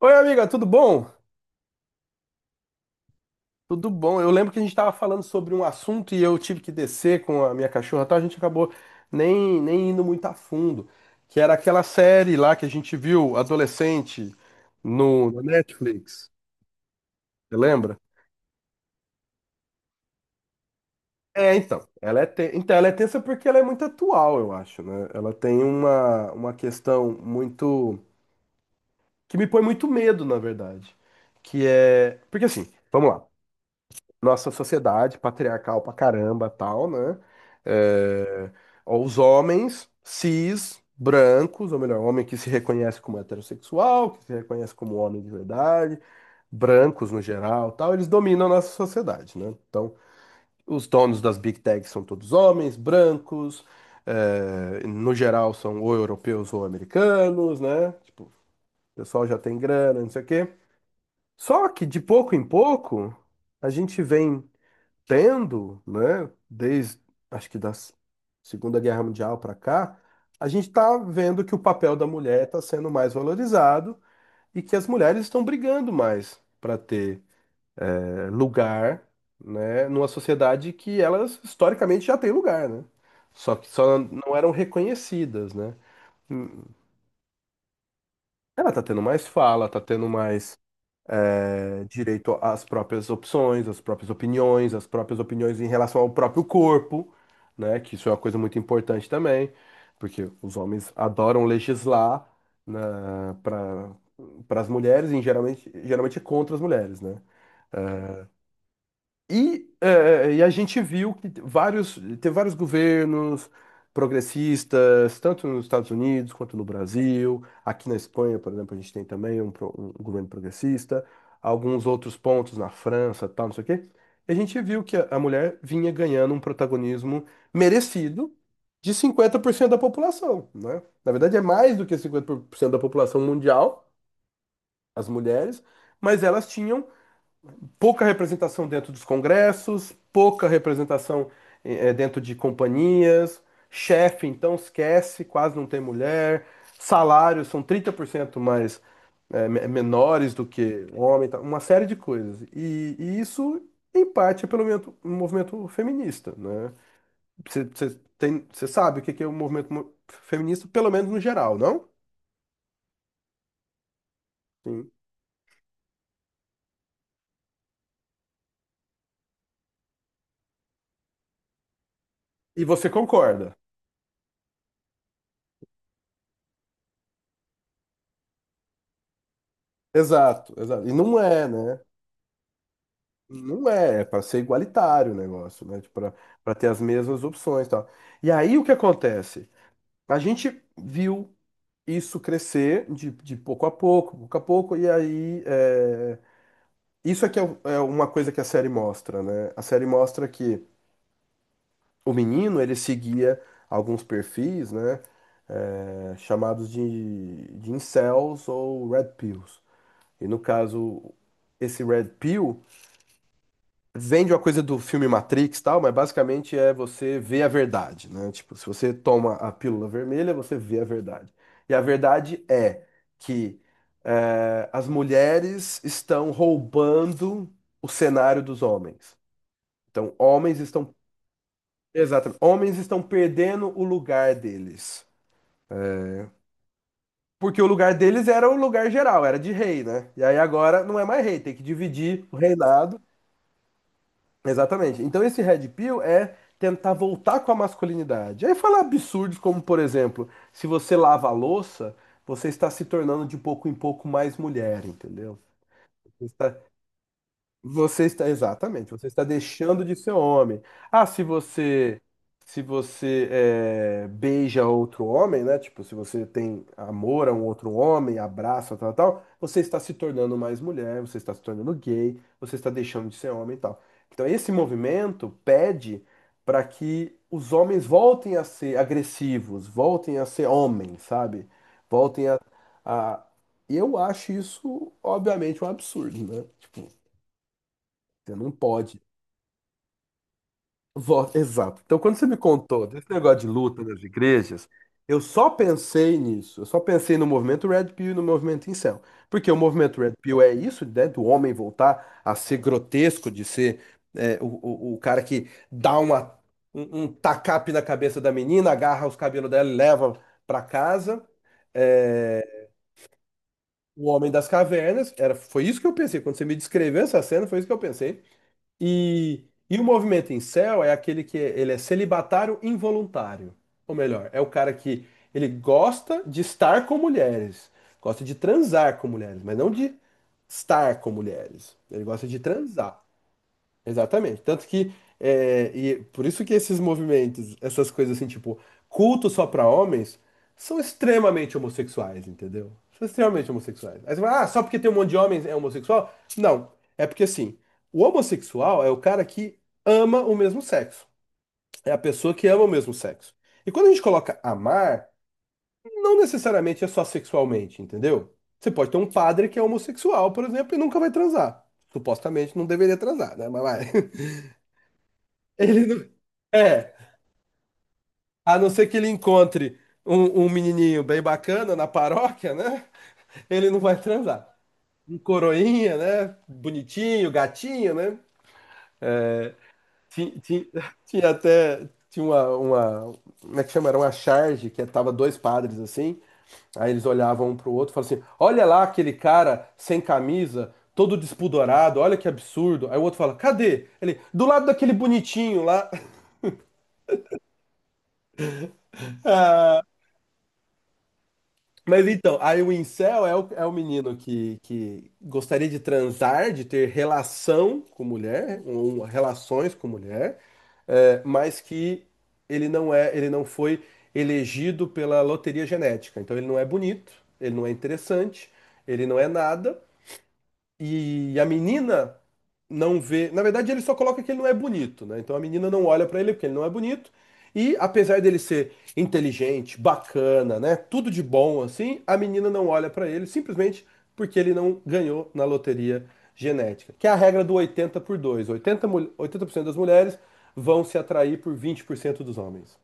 Oi, amiga, tudo bom? Tudo bom. Eu lembro que a gente estava falando sobre um assunto e eu tive que descer com a minha cachorra, e tal. A gente acabou nem indo muito a fundo, que era aquela série lá que a gente viu adolescente no na Netflix. Você lembra? É, então, então, ela é tensa porque ela é muito atual, eu acho, né? Ela tem uma questão muito que me põe muito medo, na verdade, que é, porque assim, vamos lá. Nossa sociedade patriarcal pra caramba, tal, né? É, os homens cis, brancos, ou melhor, homem que se reconhece como heterossexual, que se reconhece como homem de verdade, brancos no geral, tal, eles dominam a nossa sociedade, né? Então, os donos das big techs são todos homens, brancos, no geral são ou europeus ou americanos, né? Tipo, o pessoal já tem grana, não sei o quê. Só que de pouco em pouco, a gente vem tendo, né, desde acho que da Segunda Guerra Mundial para cá, a gente está vendo que o papel da mulher está sendo mais valorizado e que as mulheres estão brigando mais para ter lugar, né, numa sociedade que elas historicamente já têm lugar, né? Só que só não eram reconhecidas, né? Hum, ela está tendo mais fala, está tendo mais direito às próprias opções, às próprias opiniões em relação ao próprio corpo, né? Que isso é uma coisa muito importante também, porque os homens adoram legislar na, para para as mulheres e geralmente é contra as mulheres, né? E a gente viu que teve vários governos progressistas, tanto nos Estados Unidos quanto no Brasil. Aqui na Espanha, por exemplo, a gente tem também um governo progressista, alguns outros pontos na França, tal, não sei o quê. E a gente viu que a mulher vinha ganhando um protagonismo merecido de 50% da população, né? Na verdade, é mais do que 50% da população mundial, as mulheres, mas elas tinham pouca representação dentro dos congressos, pouca representação dentro de companhias, chefe, então esquece, quase não tem mulher, salários são 30% mais menores do que homem, tá? Uma série de coisas. E isso, em parte, é pelo movimento feminista, né? Você tem, você sabe o que que é o movimento feminista, pelo menos no geral, não? Sim. E você concorda. Exato, exato. E não é, né? Não é, é para ser igualitário o negócio, né? Tipo, para para ter as mesmas opções, e tal. E aí o que acontece? A gente viu isso crescer de pouco a pouco, e aí é, isso é que é, é uma coisa que a série mostra, né? A série mostra que o menino ele seguia alguns perfis, né? Chamados de incels ou red pills. E no caso, esse red pill vende uma coisa do filme Matrix e tal, mas basicamente é você ver a verdade, né? Tipo, se você toma a pílula vermelha, você vê a verdade. E a verdade é que as mulheres estão roubando o cenário dos homens. Então, exatamente, homens estão perdendo o lugar deles. Porque o lugar deles era o lugar geral, era de rei, né? E aí agora não é mais rei, tem que dividir o reinado. Exatamente. Então esse red pill é tentar voltar com a masculinidade. Aí fala absurdos como, por exemplo, se você lava a louça, você está se tornando de pouco em pouco mais mulher, entendeu? Você está, exatamente, você está deixando de ser homem. Ah, se você beija outro homem, né? Tipo, se você tem amor a um outro homem, abraça, tal, tal, você está se tornando mais mulher, você está se tornando gay, você está deixando de ser homem e tal. Então, esse movimento pede para que os homens voltem a ser agressivos, voltem a ser homens, sabe? Voltem a... Eu acho isso, obviamente, um absurdo, né? Tipo, você não pode. Voto. Exato. Então, quando você me contou desse negócio de luta nas igrejas, eu só pensei nisso. Eu só pensei no movimento Red Pill e no movimento incel. Porque o movimento Red Pill é isso, né? Do homem voltar a ser grotesco, de ser é, o, o cara que dá um tacape na cabeça da menina, agarra os cabelos dela e leva pra casa. É, o Homem das Cavernas, era, foi isso que eu pensei. Quando você me descreveu essa cena, foi isso que eu pensei. E, e o movimento incel é aquele que ele é celibatário involuntário. Ou melhor, é o cara que ele gosta de estar com mulheres, gosta de transar com mulheres, mas não de estar com mulheres. Ele gosta de transar. Exatamente. Tanto que e por isso que esses movimentos, essas coisas assim, tipo, culto só pra homens, são extremamente homossexuais, entendeu? São extremamente homossexuais. Aí você fala, ah, só porque tem um monte de homens é homossexual? Não. É porque assim, o homossexual é o cara que ama o mesmo sexo. É a pessoa que ama o mesmo sexo. E quando a gente coloca amar, não necessariamente é só sexualmente, entendeu? Você pode ter um padre que é homossexual, por exemplo, e nunca vai transar. Supostamente não deveria transar, né? Mas vai. Ele é, a não ser que ele encontre um menininho bem bacana na paróquia, né? Ele não vai transar. Um coroinha, né? Bonitinho, gatinho, né? Ti- ti- até tinha como é que chama? Era uma charge que tava dois padres assim. Aí eles olhavam um pro outro e falavam assim: Olha lá aquele cara sem camisa, todo despudorado, olha que absurdo. Aí o outro fala: Cadê? Ele, do lado daquele bonitinho lá. Mas então, aí o incel é é o menino que gostaria de transar, de ter relação com mulher, relações com mulher, mas que ele não foi elegido pela loteria genética. Então ele não é bonito, ele não é interessante, ele não é nada, e a menina não vê. Na verdade, ele só coloca que ele não é bonito, né? Então a menina não olha pra ele porque ele não é bonito. E apesar dele ser inteligente, bacana, né? Tudo de bom assim, a menina não olha pra ele simplesmente porque ele não ganhou na loteria genética, que é a regra do 80 por 2. Oitenta 80% das mulheres vão se atrair por 20% dos homens.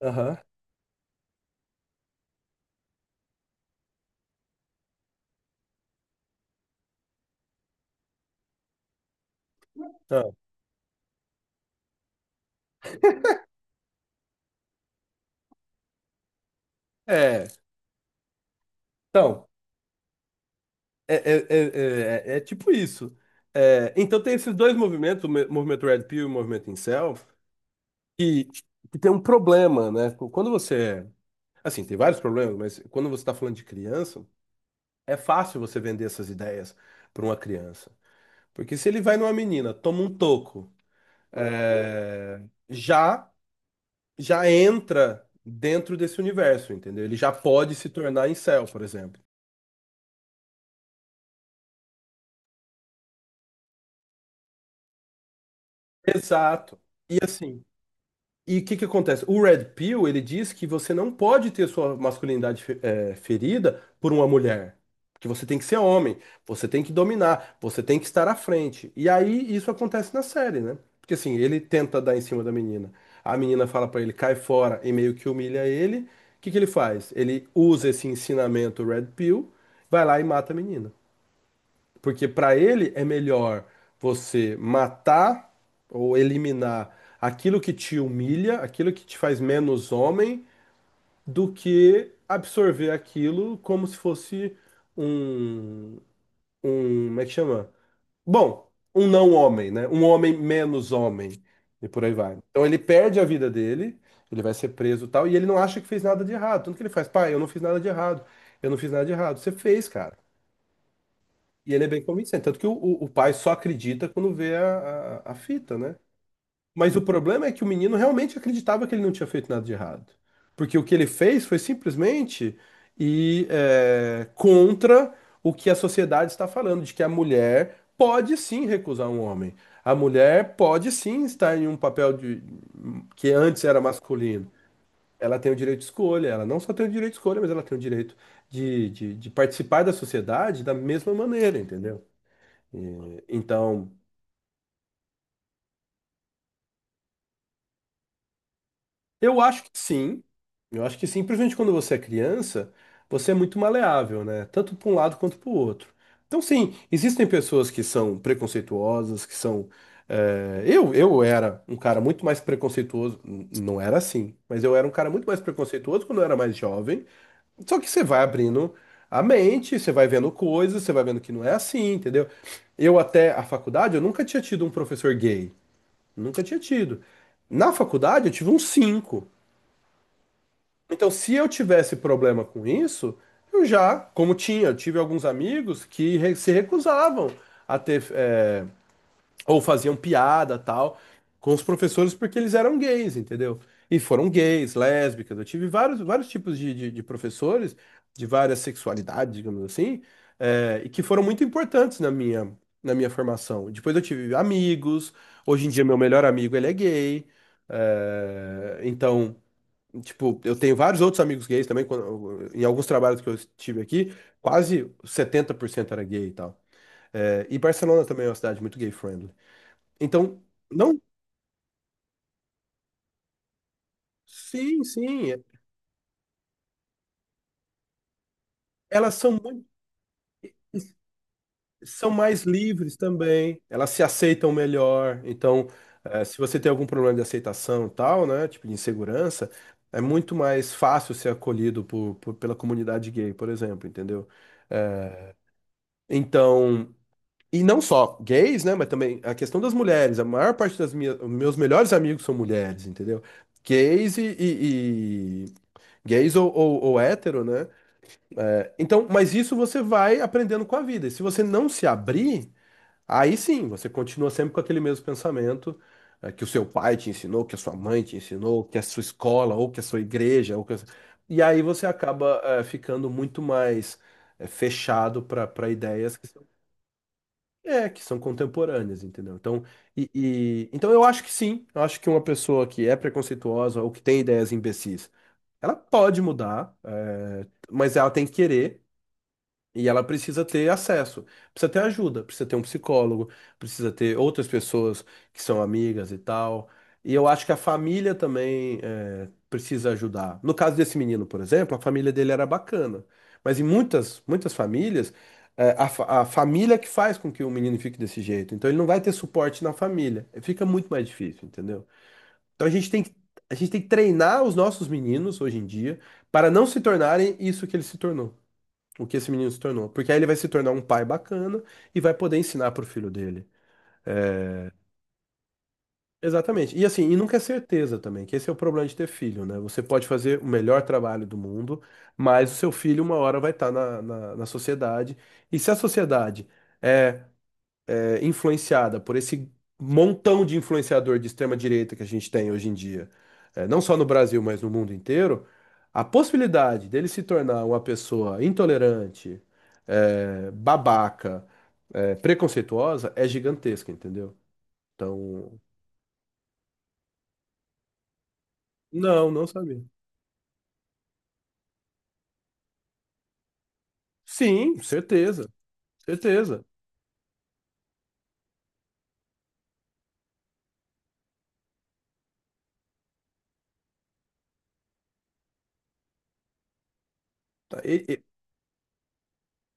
Aham. Ah. É. Então, é, é tipo isso. É, então tem esses dois movimentos, o movimento Red Pill e o movimento Incel, que, que tem um problema, né? Quando você. Assim, tem vários problemas, mas quando você está falando de criança, é fácil você vender essas ideias para uma criança. Porque se ele vai numa menina, toma um toco, é, já, já entra dentro desse universo, entendeu? Ele já pode se tornar incel, por exemplo. Exato. E assim. E o que que acontece? O Red Pill, ele diz que você não pode ter sua masculinidade ferida por uma mulher. Que você tem que ser homem, você tem que dominar, você tem que estar à frente. E aí isso acontece na série, né? Porque assim, ele tenta dar em cima da menina. A menina fala pra ele, cai fora e meio que humilha ele. O que que ele faz? Ele usa esse ensinamento Red Pill, vai lá e mata a menina. Porque para ele é melhor você matar ou eliminar aquilo que te humilha, aquilo que te faz menos homem, do que absorver aquilo como se fosse um, como é que chama? Bom, um não homem, né? Um homem menos homem e por aí vai. Então ele perde a vida dele, ele vai ser preso e tal, e ele não acha que fez nada de errado. Tanto que ele faz, pai, eu não fiz nada de errado. Eu não fiz nada de errado. Você fez, cara. E ele é bem convincente. Tanto que o pai só acredita quando vê a fita, né? Mas o problema é que o menino realmente acreditava que ele não tinha feito nada de errado. Porque o que ele fez foi simplesmente ir contra o que a sociedade está falando, de que a mulher pode sim recusar um homem. A mulher pode sim estar em um papel que antes era masculino. Ela tem o direito de escolha, ela não só tem o direito de escolha, mas ela tem o direito de participar da sociedade da mesma maneira, entendeu? Então, eu acho que sim. Eu acho que sim, principalmente quando você é criança, você é muito maleável, né? Tanto para um lado quanto para o outro. Então, sim, existem pessoas que são preconceituosas, que são. Eu era um cara muito mais preconceituoso. Não era assim, mas eu era um cara muito mais preconceituoso quando eu era mais jovem. Só que você vai abrindo a mente, você vai vendo coisas, você vai vendo que não é assim, entendeu? Eu até a faculdade, eu nunca tinha tido um professor gay. Nunca tinha tido. Na faculdade eu tive um cinco. Então, se eu tivesse problema com isso, eu já, como tinha, eu tive alguns amigos que se recusavam a ter ou faziam piada tal com os professores porque eles eram gays, entendeu? E foram gays, lésbicas. Eu tive vários, vários tipos de professores de várias sexualidades, digamos assim, e que foram muito importantes na minha formação. Depois eu tive amigos. Hoje em dia meu melhor amigo ele é gay. Então, tipo, eu tenho vários outros amigos gays também, em alguns trabalhos que eu estive aqui, quase 70% era gay e tal. Eh, e Barcelona também é uma cidade muito gay friendly. Então, não, sim, sim. Elas são muito, são mais livres também, elas se aceitam melhor. Então, se você tem algum problema de aceitação e tal, né, tipo de insegurança, é muito mais fácil ser acolhido por, pela comunidade gay, por exemplo, entendeu? Então, e não só gays, né, mas também a questão das mulheres. A maior parte das minhas, meus melhores amigos são mulheres, entendeu? Gays e, gays ou hétero, né? Então, mas isso você vai aprendendo com a vida. E se você não se abrir, aí sim, você continua sempre com aquele mesmo pensamento que o seu pai te ensinou, que a sua mãe te ensinou, que a sua escola, ou que a sua igreja, ou que a... E aí você acaba ficando muito mais fechado para para ideias que são, é, que são contemporâneas, entendeu? Então, e, então eu acho que sim, eu acho que uma pessoa que é preconceituosa ou que tem ideias imbecis, ela pode mudar, mas ela tem que querer. E ela precisa ter acesso, precisa ter ajuda, precisa ter um psicólogo, precisa ter outras pessoas que são amigas e tal. E eu acho que a família também é, precisa ajudar. No caso desse menino, por exemplo, a família dele era bacana. Mas em muitas, muitas famílias, é, a, a família que faz com que o menino fique desse jeito. Então ele não vai ter suporte na família. Fica muito mais difícil, entendeu? Então a gente tem que, a gente tem que treinar os nossos meninos hoje em dia para não se tornarem isso que ele se tornou, o que esse menino se tornou. Porque aí ele vai se tornar um pai bacana e vai poder ensinar pro filho dele. É, exatamente. E assim, e nunca é certeza também, que esse é o problema de ter filho, né? Você pode fazer o melhor trabalho do mundo, mas o seu filho uma hora vai estar na sociedade. E se a sociedade é é, influenciada por esse montão de influenciador de extrema direita que a gente tem hoje em dia, é, não só no Brasil, mas no mundo inteiro, a possibilidade dele se tornar uma pessoa intolerante, é, babaca, é, preconceituosa é gigantesca, entendeu? Então, não, não sabia. Sim, certeza, certeza. Tá,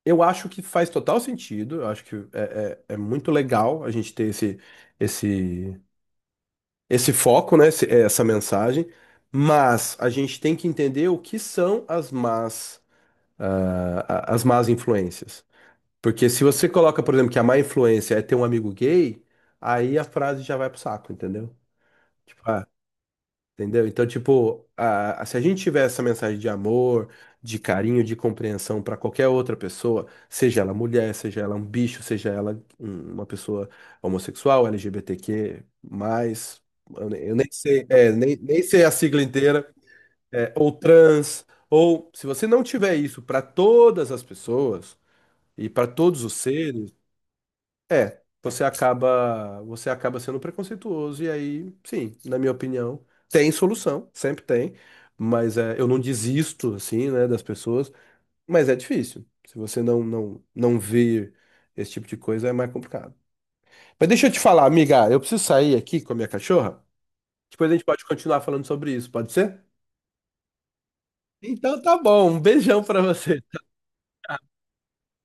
eu acho que faz total sentido, eu acho que é, é, é muito legal a gente ter esse, esse esse foco, né, é, essa mensagem, mas a gente tem que entender o que são as más, as más influências. Porque se você coloca, por exemplo, que a má influência é ter um amigo gay, aí a frase já vai pro saco, entendeu? Tipo, ah, entendeu? Então, tipo, se a gente tiver essa mensagem de amor, de carinho, de compreensão para qualquer outra pessoa, seja ela mulher, seja ela um bicho, seja ela uma pessoa homossexual, LGBTQ, mais, eu nem sei, é, nem, nem sei a sigla inteira, é, ou trans, ou se você não tiver isso para todas as pessoas e para todos os seres, é, você acaba sendo preconceituoso e aí, sim, na minha opinião, tem solução, sempre tem, mas é, eu não desisto assim, né, das pessoas, mas é difícil. Se você não ver esse tipo de coisa é mais complicado. Mas deixa eu te falar, amiga, eu preciso sair aqui com a minha cachorra. Depois a gente pode continuar falando sobre isso, pode ser? Então tá bom, um beijão pra você.